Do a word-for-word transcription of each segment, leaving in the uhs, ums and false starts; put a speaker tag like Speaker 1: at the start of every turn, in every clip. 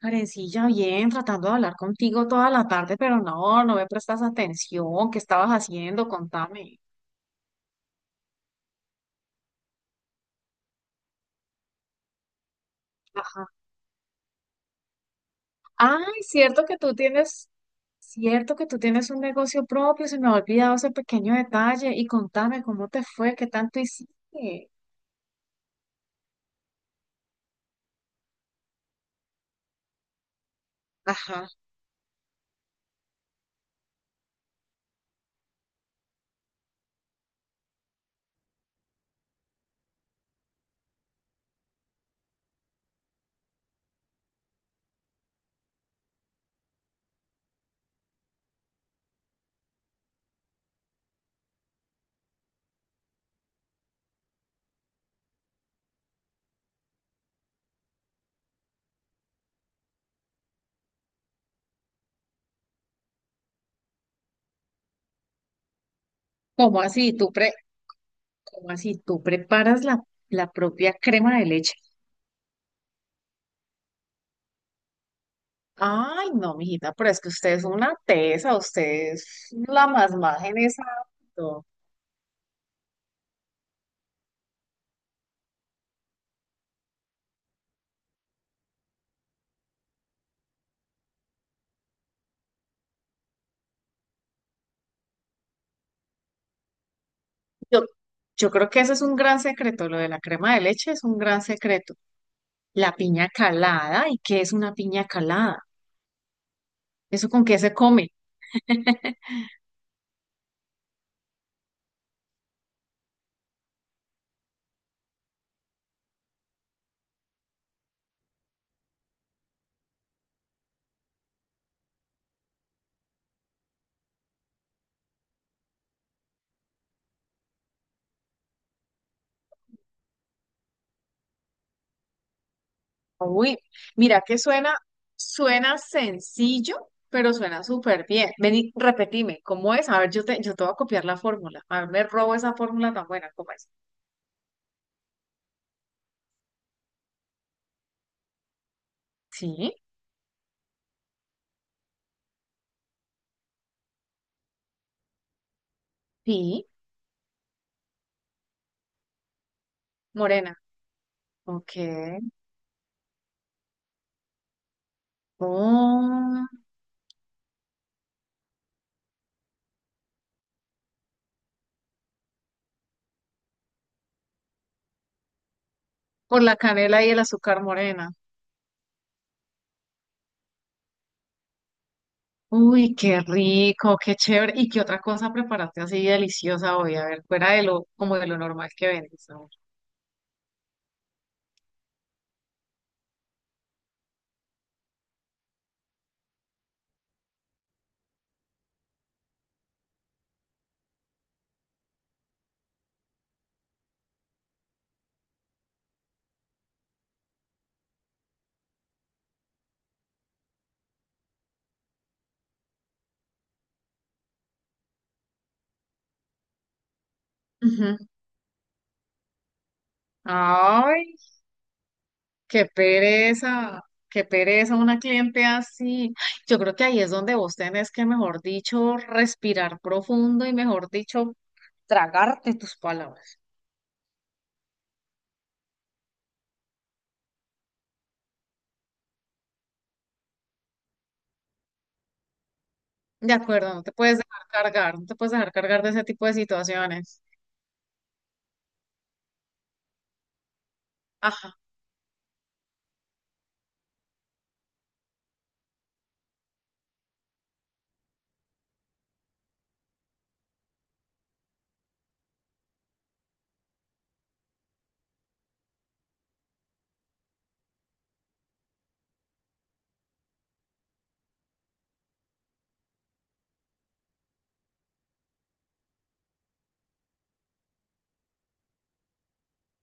Speaker 1: Karencilla, bien, tratando de hablar contigo toda la tarde, pero no, no me prestas atención. ¿Qué estabas haciendo? Contame. Ajá. Ay, cierto que tú tienes, cierto que tú tienes un negocio propio, se me ha olvidado ese pequeño detalle. Y contame cómo te fue, qué tanto hiciste. Ajá. ¿Cómo así? ¿Tú pre, ¿cómo así? ¿Tú preparas la, la propia crema de leche? Ay, no, mijita, pero es que usted es una tesa, usted es la más maja en esa. Yo, yo creo que ese es un gran secreto, lo de la crema de leche es un gran secreto. La piña calada, ¿y qué es una piña calada? ¿Eso con qué se come? Uy, mira que suena, suena sencillo, pero suena súper bien. Vení, repetime, ¿cómo es? A ver, yo te, yo te voy a copiar la fórmula. A ver, me robo esa fórmula tan buena, ¿cómo es? Sí, sí, morena. Ok. Oh, por la canela y el azúcar morena. Uy, qué rico, qué chévere. ¿Y qué otra cosa preparaste así deliciosa hoy? A ver, fuera de lo, como de lo normal que vendes. A ver. Ujú. Ay, qué pereza, qué pereza una cliente así. Ay, yo creo que ahí es donde vos tenés que, mejor dicho, respirar profundo y, mejor dicho, tragarte tus palabras. De acuerdo, no te puedes dejar cargar, no te puedes dejar cargar de ese tipo de situaciones. Ajá.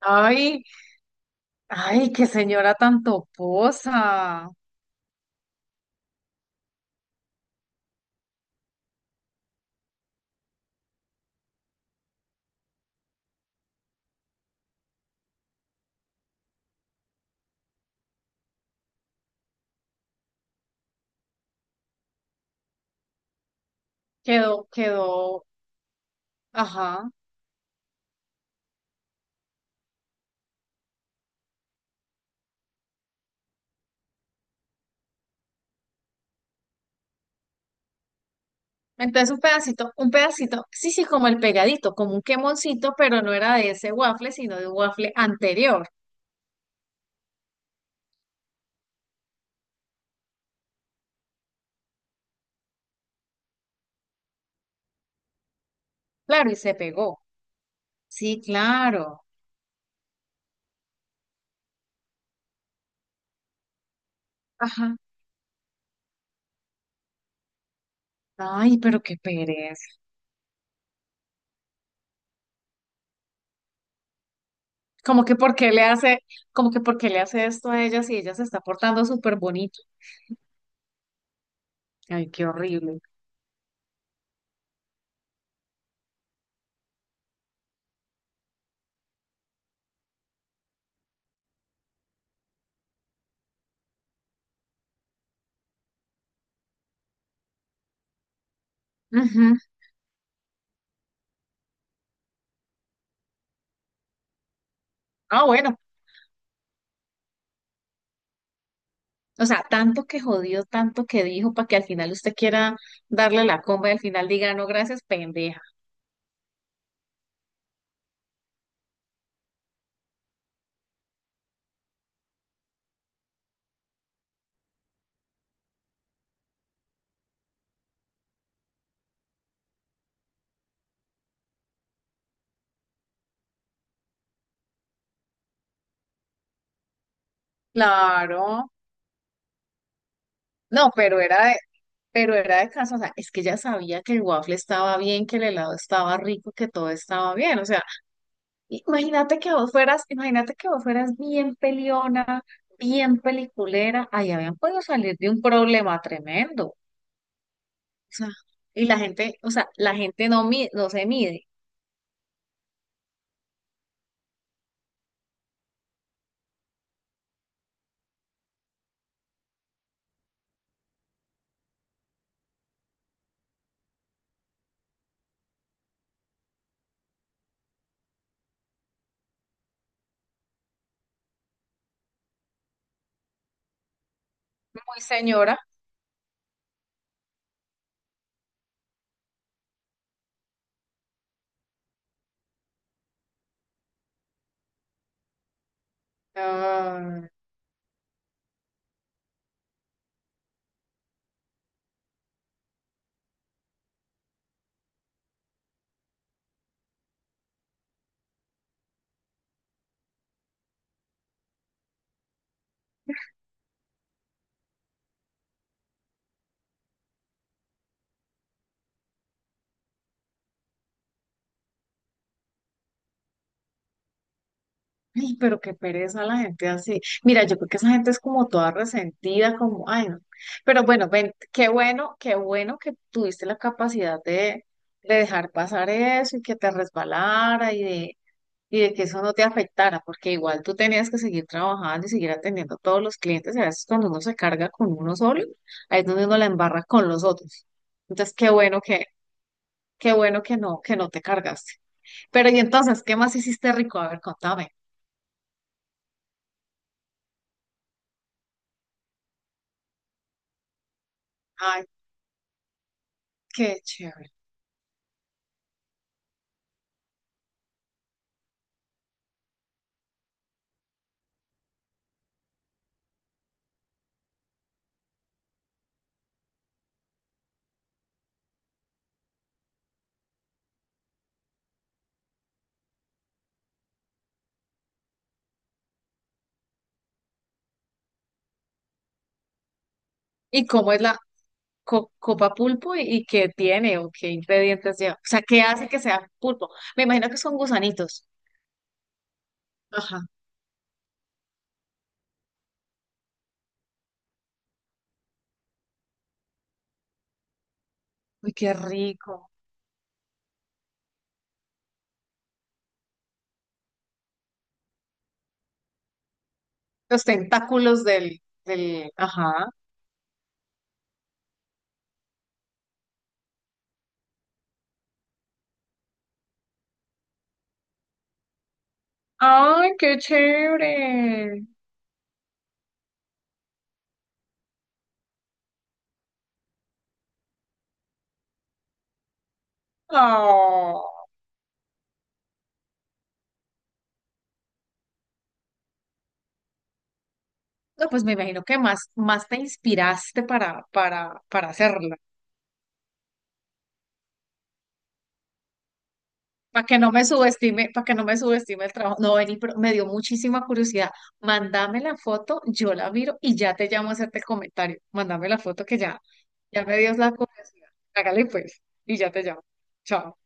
Speaker 1: Ay, ay, qué señora tan toposa. Quedó, quedó, ajá. Entonces un pedacito, un pedacito, sí, sí, como el pegadito, como un quemoncito, pero no era de ese waffle, sino de un waffle anterior. Claro, y se pegó. Sí, claro. Ajá. Ay, pero qué pereza. Como que por qué le hace, como que por qué le hace esto a ella si ella se está portando súper bonito. Ay, qué horrible. Ujú. Ah, bueno. O sea, tanto que jodió, tanto que dijo para que al final usted quiera darle la comba y al final diga, no, gracias, pendeja. Claro. No, pero era de, pero era de casa, o sea, es que ella sabía que el waffle estaba bien, que el helado estaba rico, que todo estaba bien, o sea, imagínate que vos fueras, imagínate que vos fueras bien peleona, bien peliculera, ahí habían podido salir de un problema tremendo, o sea, y la gente, o sea, la gente no, mi- no se mide, muy señora. Ah. Ay, pero qué pereza la gente así. Mira, yo creo que esa gente es como toda resentida, como, ay, no. Pero bueno, ven, qué bueno, qué bueno que tuviste la capacidad de, de dejar pasar eso y que te resbalara y de, y de que eso no te afectara, porque igual tú tenías que seguir trabajando y seguir atendiendo a todos los clientes. Y a veces cuando uno se carga con uno solo, ahí es donde uno la embarra con los otros. Entonces, qué bueno que, qué bueno que no, que no te cargaste. Pero y entonces, ¿qué más hiciste rico? A ver, contame. Ay, qué chévere. ¿Y cómo es la co- copa pulpo y, y qué tiene o qué ingredientes lleva? O sea, ¿qué hace que sea pulpo? Me imagino que son gusanitos. Ajá. Uy, qué rico. Los tentáculos del, del, ajá. ¡Ay, qué chévere! Oh. No, pues me imagino que más, más te inspiraste para, para, para hacerlo. Para que no me subestime, para que no me subestime el trabajo. No, vení, pero me dio muchísima curiosidad. Mándame la foto, yo la miro y ya te llamo a hacerte el comentario. Mándame la foto que ya, ya me dio la curiosidad. Hágale pues, y ya te llamo. Chao.